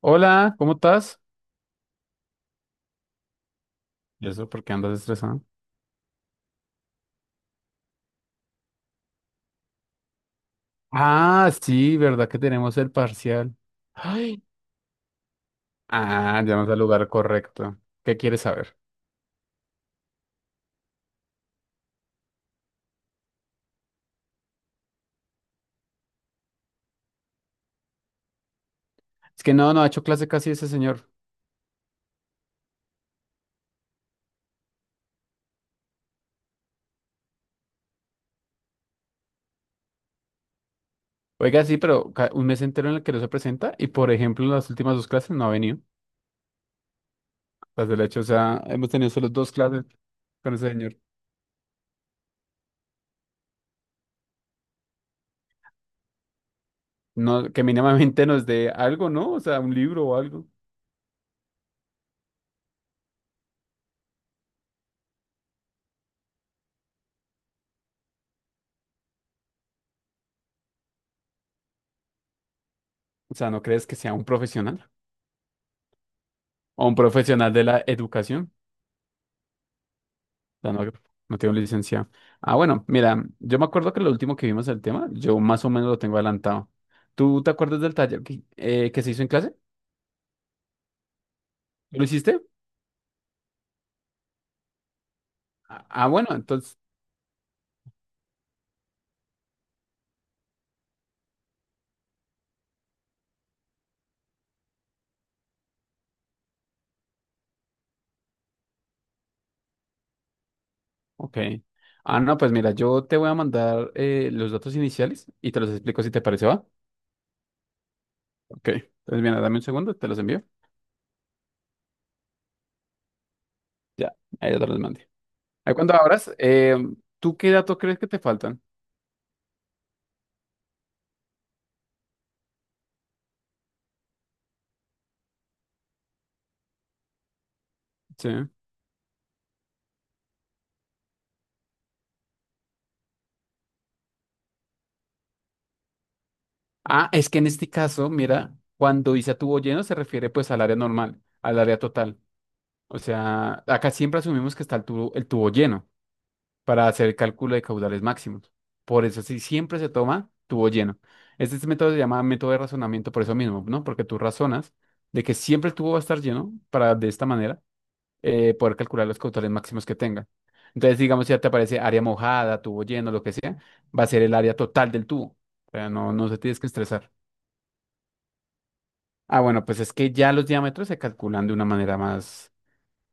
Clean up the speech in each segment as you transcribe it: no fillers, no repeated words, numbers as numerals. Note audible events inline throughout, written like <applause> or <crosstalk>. Hola, ¿cómo estás? ¿Y eso por qué andas estresado? Ah, sí, ¿verdad que tenemos el parcial? Ay. Ah, llegamos al lugar correcto. ¿Qué quieres saber? Es que no, no ha hecho clase casi ese señor. Oiga, sí, pero un mes entero en el que no se presenta y, por ejemplo, en las últimas dos clases no ha venido. Las del hecho, o sea, hemos tenido solo dos clases con ese señor. No, que mínimamente nos dé algo, ¿no? O sea, un libro o algo. O sea, ¿no crees que sea un profesional? ¿O un profesional de la educación? Ya no, no tiene un licenciado. Ah, bueno, mira, yo me acuerdo que lo último que vimos el tema, yo más o menos lo tengo adelantado. ¿Tú te acuerdas del taller que se hizo en clase? ¿Lo hiciste? Bueno, entonces, ok. Ah, no, pues mira, yo te voy a mandar los datos iniciales y te los explico si te parece, ¿va? Ok. Entonces, mira, dame un segundo, te los envío. Ya, ahí ya te los mandé. Ahí cuando abras, ¿tú qué datos crees que te faltan? Sí. Ah, es que en este caso, mira, cuando dice a tubo lleno se refiere pues al área normal, al área total. O sea, acá siempre asumimos que está el tubo lleno para hacer el cálculo de caudales máximos. Por eso sí, siempre se toma tubo lleno. Este método se llama método de razonamiento por eso mismo, ¿no? Porque tú razonas de que siempre el tubo va a estar lleno para de esta manera poder calcular los caudales máximos que tenga. Entonces, digamos, si ya te aparece área mojada, tubo lleno, lo que sea, va a ser el área total del tubo. O sea, no, no se tienes que estresar. Ah, bueno, pues es que ya los diámetros se calculan de una manera más,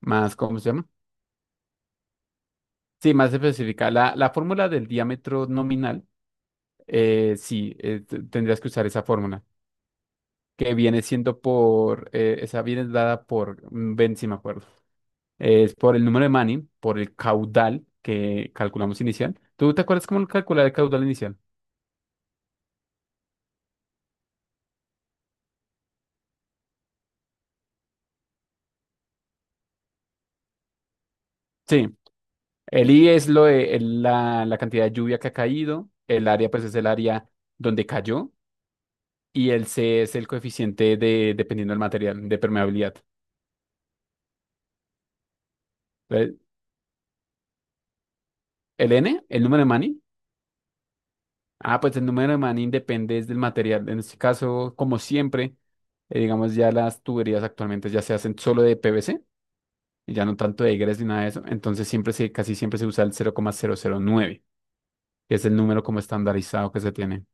más, ¿cómo se llama? Sí, más específica. La fórmula del diámetro nominal, sí, tendrías que usar esa fórmula, que viene siendo por, esa viene dada por, ven si me acuerdo, es por el número de Manning, por el caudal que calculamos inicial. ¿Tú te acuerdas cómo calcular el caudal inicial? Sí, el I es lo de, la cantidad de lluvia que ha caído, el área pues es el área donde cayó y el C es el coeficiente de, dependiendo del material, de permeabilidad. Entonces, el N, el número de Manning. Ah, pues el número de Manning depende es del material. En este caso, como siempre, digamos ya las tuberías actualmente ya se hacen solo de PVC y ya no tanto de egres ni nada de eso. Entonces siempre se, casi siempre se usa el cero coma cero cero coma nueve, que es el número como estandarizado que se tiene.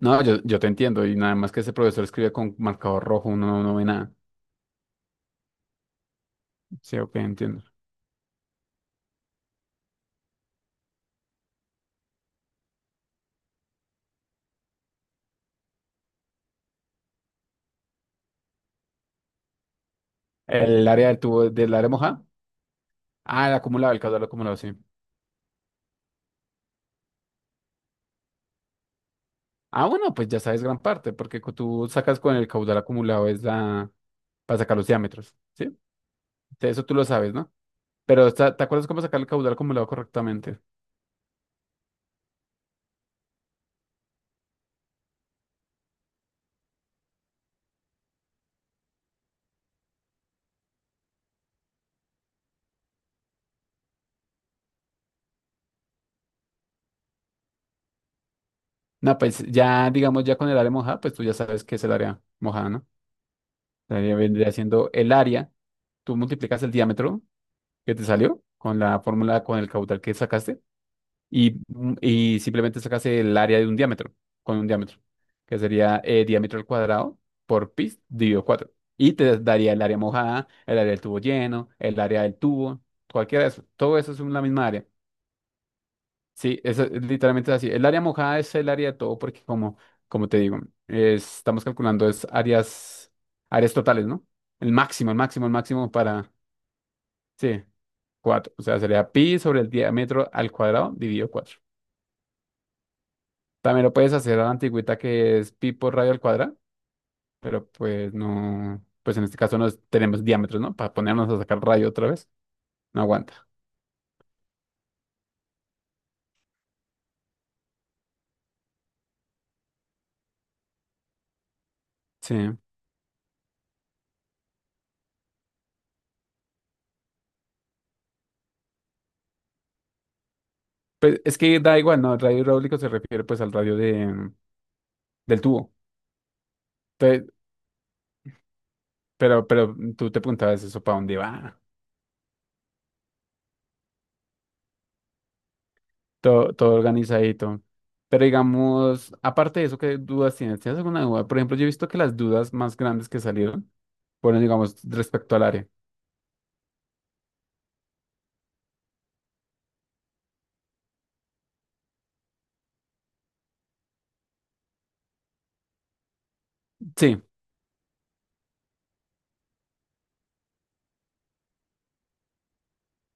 No, yo te entiendo y nada más que ese profesor escribe con marcador rojo, uno no, no ve nada. Sí, ok, entiendo. El área del tubo, del área mojada. Ah, el acumulado, el caudal acumulado, sí. Ah, bueno, pues ya sabes gran parte, porque tú sacas con el caudal acumulado es la para sacar los diámetros, ¿sí? O sea, eso tú lo sabes, ¿no? Pero ¿te acuerdas cómo sacar el caudal acumulado correctamente? No, pues ya, digamos, ya con el área mojada, pues tú ya sabes qué es el área mojada, ¿no? El área vendría siendo el área, tú multiplicas el diámetro que te salió con la fórmula, con el caudal que sacaste, y, y simplemente sacas el área de un diámetro, con un diámetro, que sería diámetro al cuadrado por pi dividido cuatro. Y te daría el área mojada, el área del tubo lleno, el área del tubo, cualquiera de eso. Todo eso es una misma área. Sí, eso es literalmente así. El área mojada es el área de todo porque como, como te digo, estamos calculando es áreas, áreas totales, ¿no? El máximo, el máximo, el máximo para, sí, cuatro. O sea, sería pi sobre el diámetro al cuadrado dividido cuatro. También lo puedes hacer a la antigüita que es pi por radio al cuadrado, pero pues no, pues en este caso no tenemos diámetros, ¿no? Para ponernos a sacar radio otra vez, no aguanta. Sí. Pues es que da igual, ¿no? El radio hidráulico se refiere pues al radio de, del tubo. Pe- pero, tú te preguntabas eso, ¿para dónde va? Todo, todo organizadito. Pero digamos, aparte de eso, ¿qué dudas tienes? ¿Tienes alguna duda? Por ejemplo, yo he visto que las dudas más grandes que salieron fueron, digamos, respecto al área. Sí,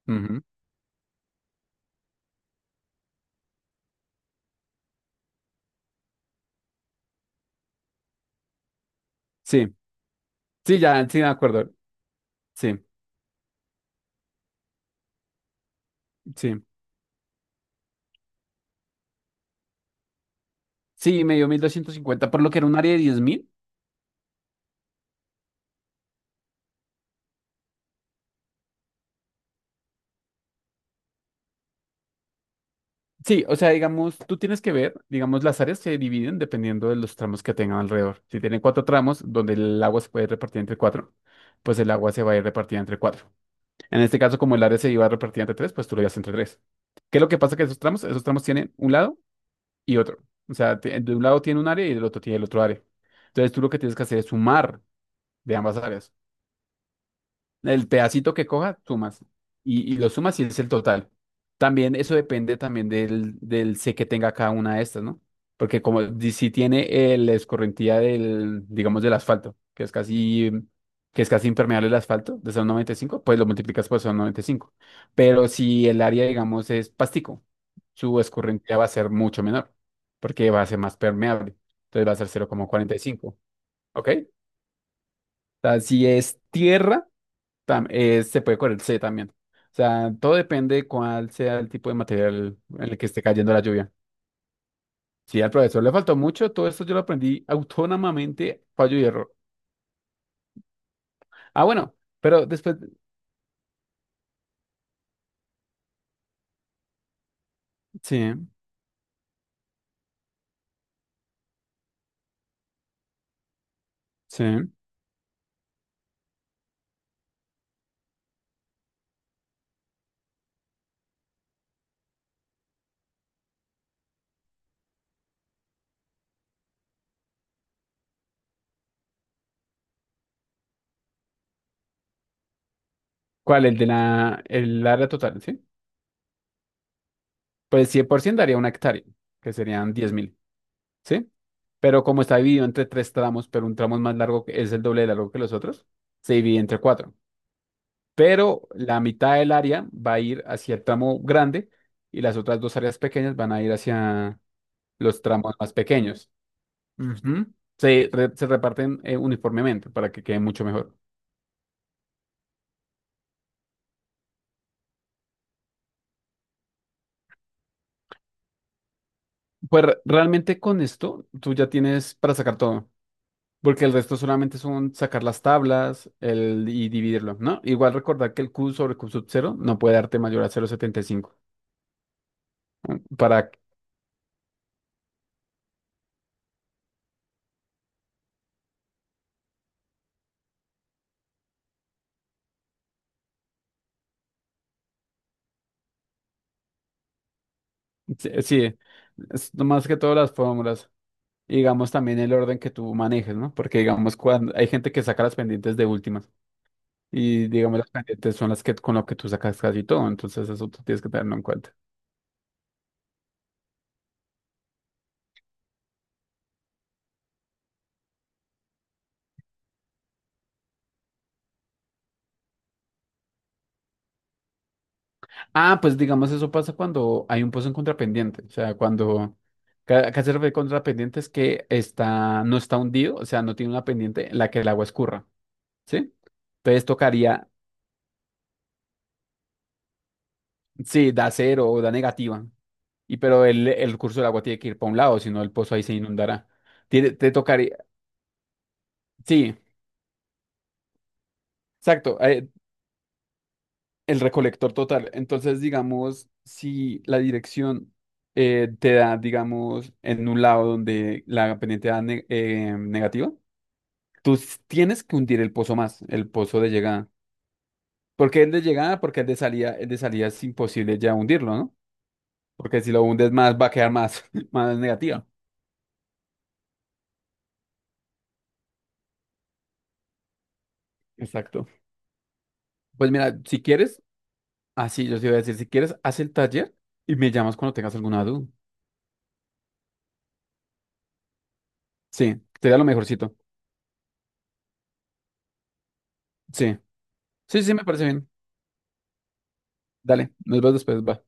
ujú, sí. Sí, ya, sí, de acuerdo. Sí. Sí, sí, me dio 1250, por lo que era un área de 10000. Sí, o sea, digamos, tú tienes que ver, digamos, las áreas se dividen dependiendo de los tramos que tengan alrededor. Si tienen cuatro tramos, donde el agua se puede repartir entre cuatro, pues el agua se va a ir repartida entre cuatro. En este caso, como el área se iba a repartir entre tres, pues tú lo llevas entre tres. ¿Qué es lo que pasa que esos tramos? Esos tramos tienen un lado y otro. O sea, de un lado tiene un área y del otro tiene el otro área. Entonces tú lo que tienes que hacer es sumar de ambas áreas. El pedacito que coja, sumas. Y lo sumas y es el total. También eso depende también del, del C que tenga cada una de estas, ¿no? Porque como si tiene la escorrentía del, digamos, del asfalto, que es casi impermeable el asfalto, de son 95, pues lo multiplicas por son 95. Pero si el área, digamos, es pastico, su escorrentía va a ser mucho menor, porque va a ser más permeable. Entonces va a ser 0,45, ¿ok? O sea, si es tierra, se puede correr, C también. O sea, todo depende de cuál sea el tipo de material en el que esté cayendo la lluvia. Sí, al profesor le faltó mucho, todo esto yo lo aprendí autónomamente, fallo y error. Ah, bueno, pero después, sí, sí. ¿Cuál? El de la, el área total, ¿sí? Pues 100% daría una hectárea, que serían 10000, ¿sí? Pero como está dividido entre tres tramos, pero un tramo es más largo, que es el doble de largo que los otros, se divide entre cuatro. Pero la mitad del área va a ir hacia el tramo grande y las otras dos áreas pequeñas van a ir hacia los tramos más pequeños. Ujú. Se, se reparten uniformemente para que quede mucho mejor. Pues realmente con esto tú ya tienes para sacar todo, porque el resto solamente son sacar las tablas el, y dividirlo, ¿no? Igual recordar que el Q sobre Q sub 0 no puede darte mayor a 0.75 para... Sí, sí, es más que todas las fórmulas. Y digamos también el orden que tú manejes, ¿no? Porque digamos cuando hay gente que saca las pendientes de últimas y digamos las pendientes son las que con lo que tú sacas casi todo, entonces eso tú tienes que tenerlo en cuenta. Ah, pues digamos eso pasa cuando hay un pozo en contrapendiente, o sea, cuando acá se refiere contrapendiente es que está no está hundido, o sea, no tiene una pendiente en la que el agua escurra, ¿sí? Entonces tocaría, sí, da cero o da negativa, y pero el curso del agua tiene que ir para un lado, si no el pozo ahí se inundará. Te tocaría. Sí, exacto, el recolector total. Entonces, digamos, si la dirección te da, digamos, en un lado donde la pendiente da negativa, tú tienes que hundir el pozo más, el pozo de llegada. ¿Por qué el de llegada, porque el de salida es imposible ya hundirlo, ¿no? Porque si lo hundes más, va a quedar más, <laughs> más negativa. Exacto. Pues mira, si quieres, así yo te iba a decir, si quieres, haz el taller y me llamas cuando tengas alguna duda. Sí, sería lo mejorcito. Sí. Sí, sí, me parece bien. Dale, nos vemos después, va.